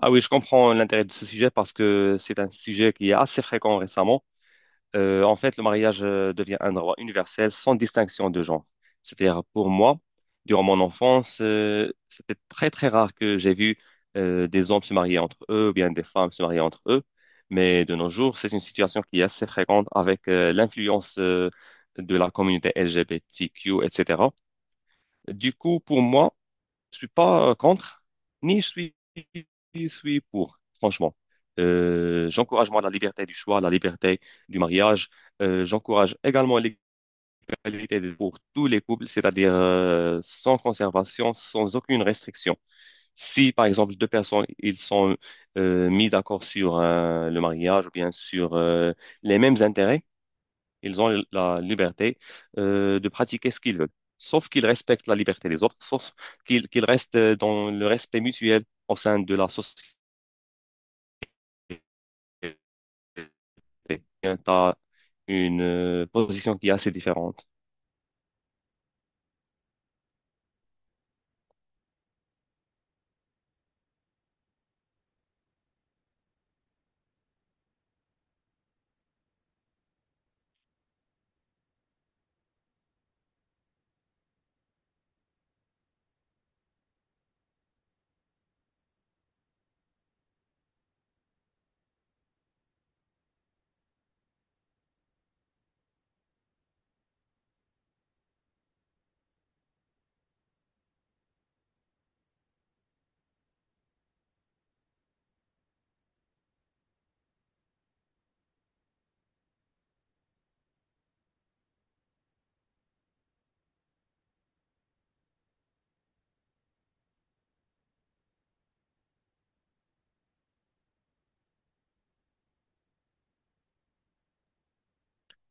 Ah oui, je comprends l'intérêt de ce sujet parce que c'est un sujet qui est assez fréquent récemment. En fait, le mariage devient un droit universel sans distinction de genre. C'est-à-dire, pour moi, durant mon enfance, c'était très très rare que j'ai vu des hommes se marier entre eux ou bien des femmes se marier entre eux. Mais de nos jours, c'est une situation qui est assez fréquente avec l'influence de la communauté LGBTQ, etc. Du coup, pour moi, je suis pas contre, ni je suis, je suis pour, franchement. J'encourage moi la liberté du choix, la liberté du mariage. J'encourage également l'égalité pour tous les couples, c'est-à-dire sans conservation, sans aucune restriction. Si par exemple deux personnes ils sont mis d'accord sur le mariage ou bien sur les mêmes intérêts, ils ont la liberté de pratiquer ce qu'ils veulent, sauf qu'ils respectent la liberté des autres, sauf qu'ils restent dans le respect mutuel au sein de la société. Tu as une position qui est assez différente.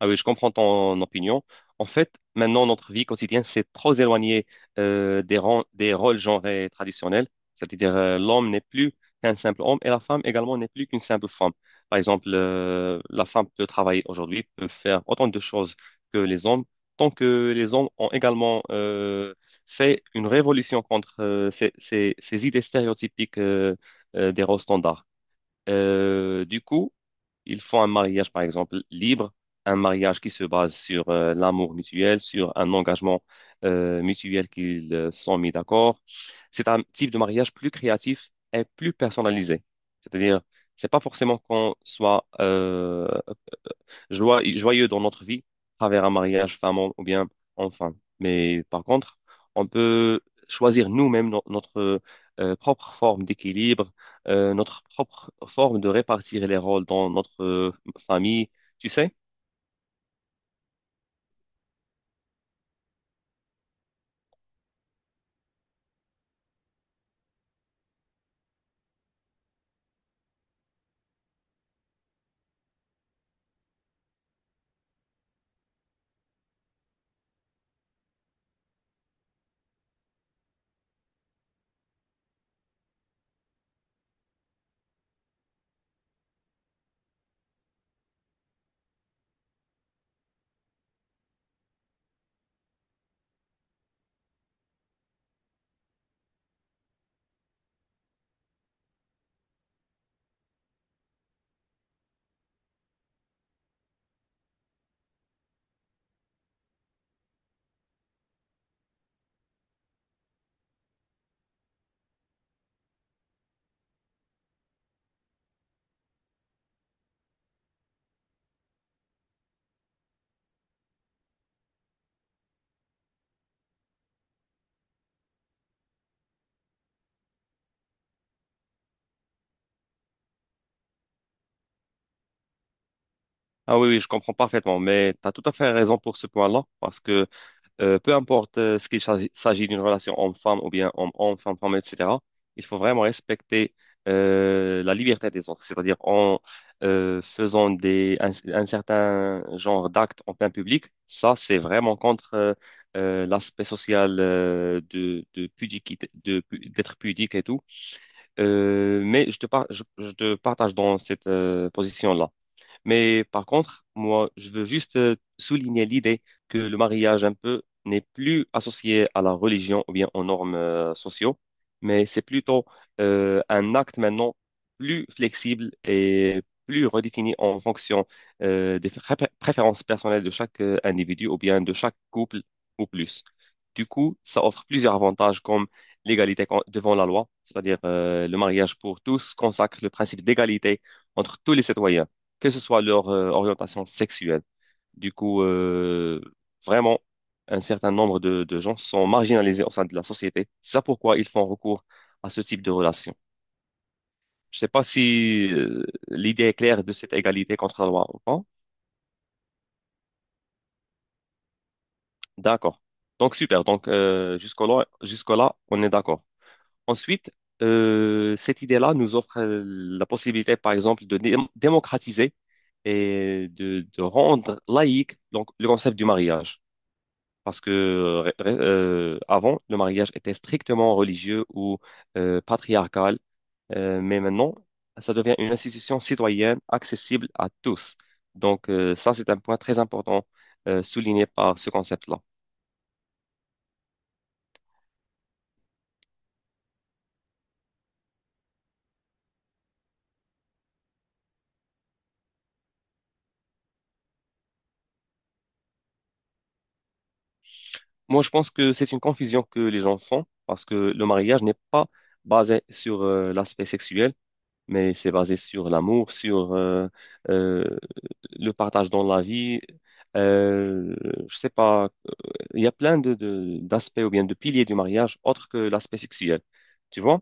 Ah oui, je comprends ton opinion. En fait, maintenant, notre vie quotidienne s'est trop éloignée des, des rôles genrés traditionnels. C'est-à-dire, l'homme n'est plus qu'un simple homme et la femme également n'est plus qu'une simple femme. Par exemple, la femme peut travailler aujourd'hui, peut faire autant de choses que les hommes, tant que les hommes ont également fait une révolution contre ces idées stéréotypiques des rôles standards. Du coup, ils font un mariage, par exemple, libre, un mariage qui se base sur l'amour mutuel, sur un engagement mutuel qu'ils sont mis d'accord. C'est un type de mariage plus créatif et plus personnalisé. C'est-à-dire, c'est pas forcément qu'on soit joyeux dans notre vie, à travers un mariage, femme ou bien enfant. Mais par contre, on peut choisir nous-mêmes notre propre forme d'équilibre, notre propre forme de répartir les rôles dans notre famille, tu sais? Ah oui, oui, je comprends parfaitement, mais tu as tout à fait raison pour ce point-là, parce que peu importe ce qu'il s'agit d'une relation homme-femme ou bien homme-homme, femme-femme, etc., il faut vraiment respecter la liberté des autres, c'est-à-dire en faisant des, un certain genre d'actes en plein public. Ça, c'est vraiment contre l'aspect social de d'être pudique et tout. Mais je te partage dans cette position-là. Mais par contre, moi, je veux juste souligner l'idée que le mariage un peu n'est plus associé à la religion ou bien aux normes sociaux, mais c'est plutôt un acte maintenant plus flexible et plus redéfini en fonction des préférences personnelles de chaque individu ou bien de chaque couple ou plus. Du coup, ça offre plusieurs avantages comme devant la loi, c'est-à-dire le mariage pour tous consacre le principe d'égalité entre tous les citoyens que ce soit leur orientation sexuelle. Du coup, vraiment, un certain nombre de gens sont marginalisés au sein de la société. C'est ça pourquoi ils font recours à ce type de relation. Je ne sais pas si l'idée est claire de cette égalité contre la loi ou pas. D'accord. Donc, super. Donc, jusqu'au-là, on est d'accord. Ensuite, cette idée-là nous offre la possibilité, par exemple, de démocratiser et de rendre laïque donc, le concept du mariage. Parce que avant, le mariage était strictement religieux ou patriarcal, mais maintenant, ça devient une institution citoyenne accessible à tous. Donc, ça, c'est un point très important souligné par ce concept-là. Moi, je pense que c'est une confusion que les gens font parce que le mariage n'est pas basé sur l'aspect sexuel. Mais c'est basé sur l'amour, sur euh, le partage dans la vie. Euh, je sais pas, il y a plein de, d'aspects ou bien de piliers du mariage autres que l'aspect sexuel. Tu vois?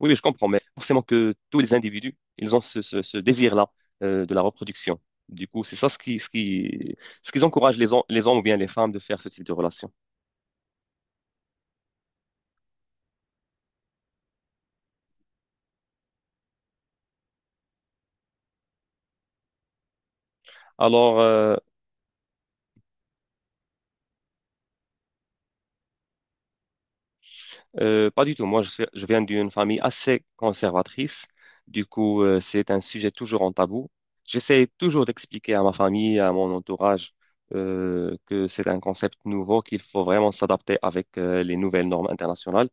Oui, oui, je comprends, mais forcément que tous les individus, ils ont ce, ce désir-là de la reproduction. Du coup, c'est ça ce qui encourage les, les hommes ou bien les femmes de faire ce type de relation. Alors, pas du tout. Moi, je viens d'une famille assez conservatrice. Du coup, c'est un sujet toujours en tabou. J'essaie toujours d'expliquer à ma famille, à mon entourage, que c'est un concept nouveau, qu'il faut vraiment s'adapter avec, les nouvelles normes internationales.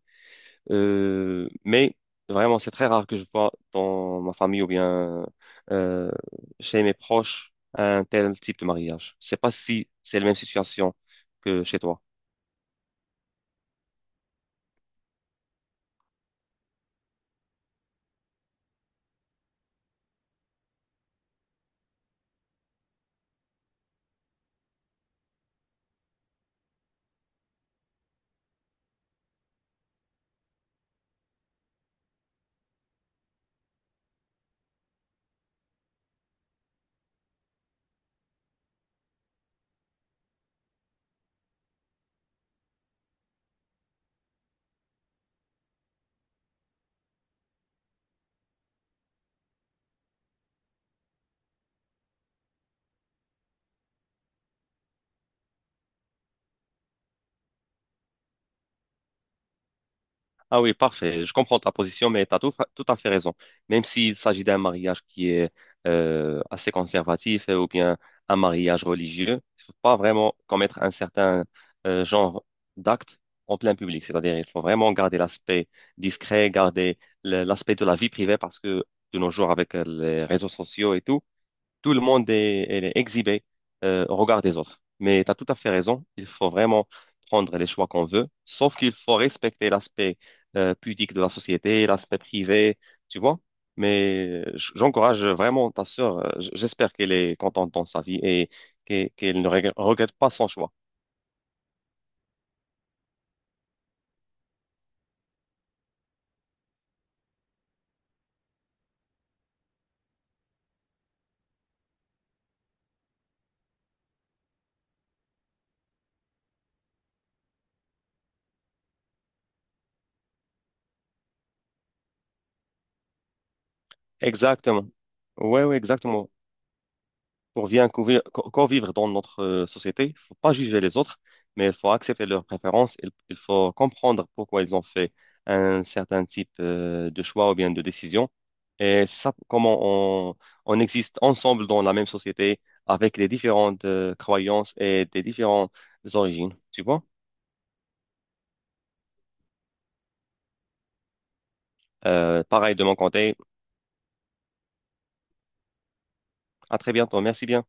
Mais vraiment, c'est très rare que je vois dans ma famille ou bien euh, chez mes proches un tel type de mariage. Je sais pas si c'est la même situation que chez toi. Ah oui, parfait. Je comprends ta position, mais tu as tout, tout à fait raison. Même s'il s'agit d'un mariage qui est assez conservatif ou bien un mariage religieux, il faut pas vraiment commettre un certain genre d'acte en plein public. C'est-à-dire, il faut vraiment garder l'aspect discret, garder l'aspect de la vie privée parce que de nos jours, avec les réseaux sociaux et tout, tout le monde est, elle est exhibé au regard des autres. Mais tu as tout à fait raison, il faut vraiment prendre les choix qu'on veut, sauf qu'il faut respecter l'aspect pudique de la société, l'aspect privé, tu vois. Mais j'encourage vraiment ta sœur, j'espère qu'elle est contente dans sa vie et qu'elle ne regrette pas son choix. Exactement. Ouais, ouais, exactement. Pour bien convivre dans notre société, il faut pas juger les autres, mais il faut accepter leurs préférences. Il faut comprendre pourquoi ils ont fait un certain type de choix ou bien de décision. Et ça, on existe ensemble dans la même société avec les différentes croyances et des différentes origines. Tu vois? Pareil de mon côté. À très bientôt. Merci bien.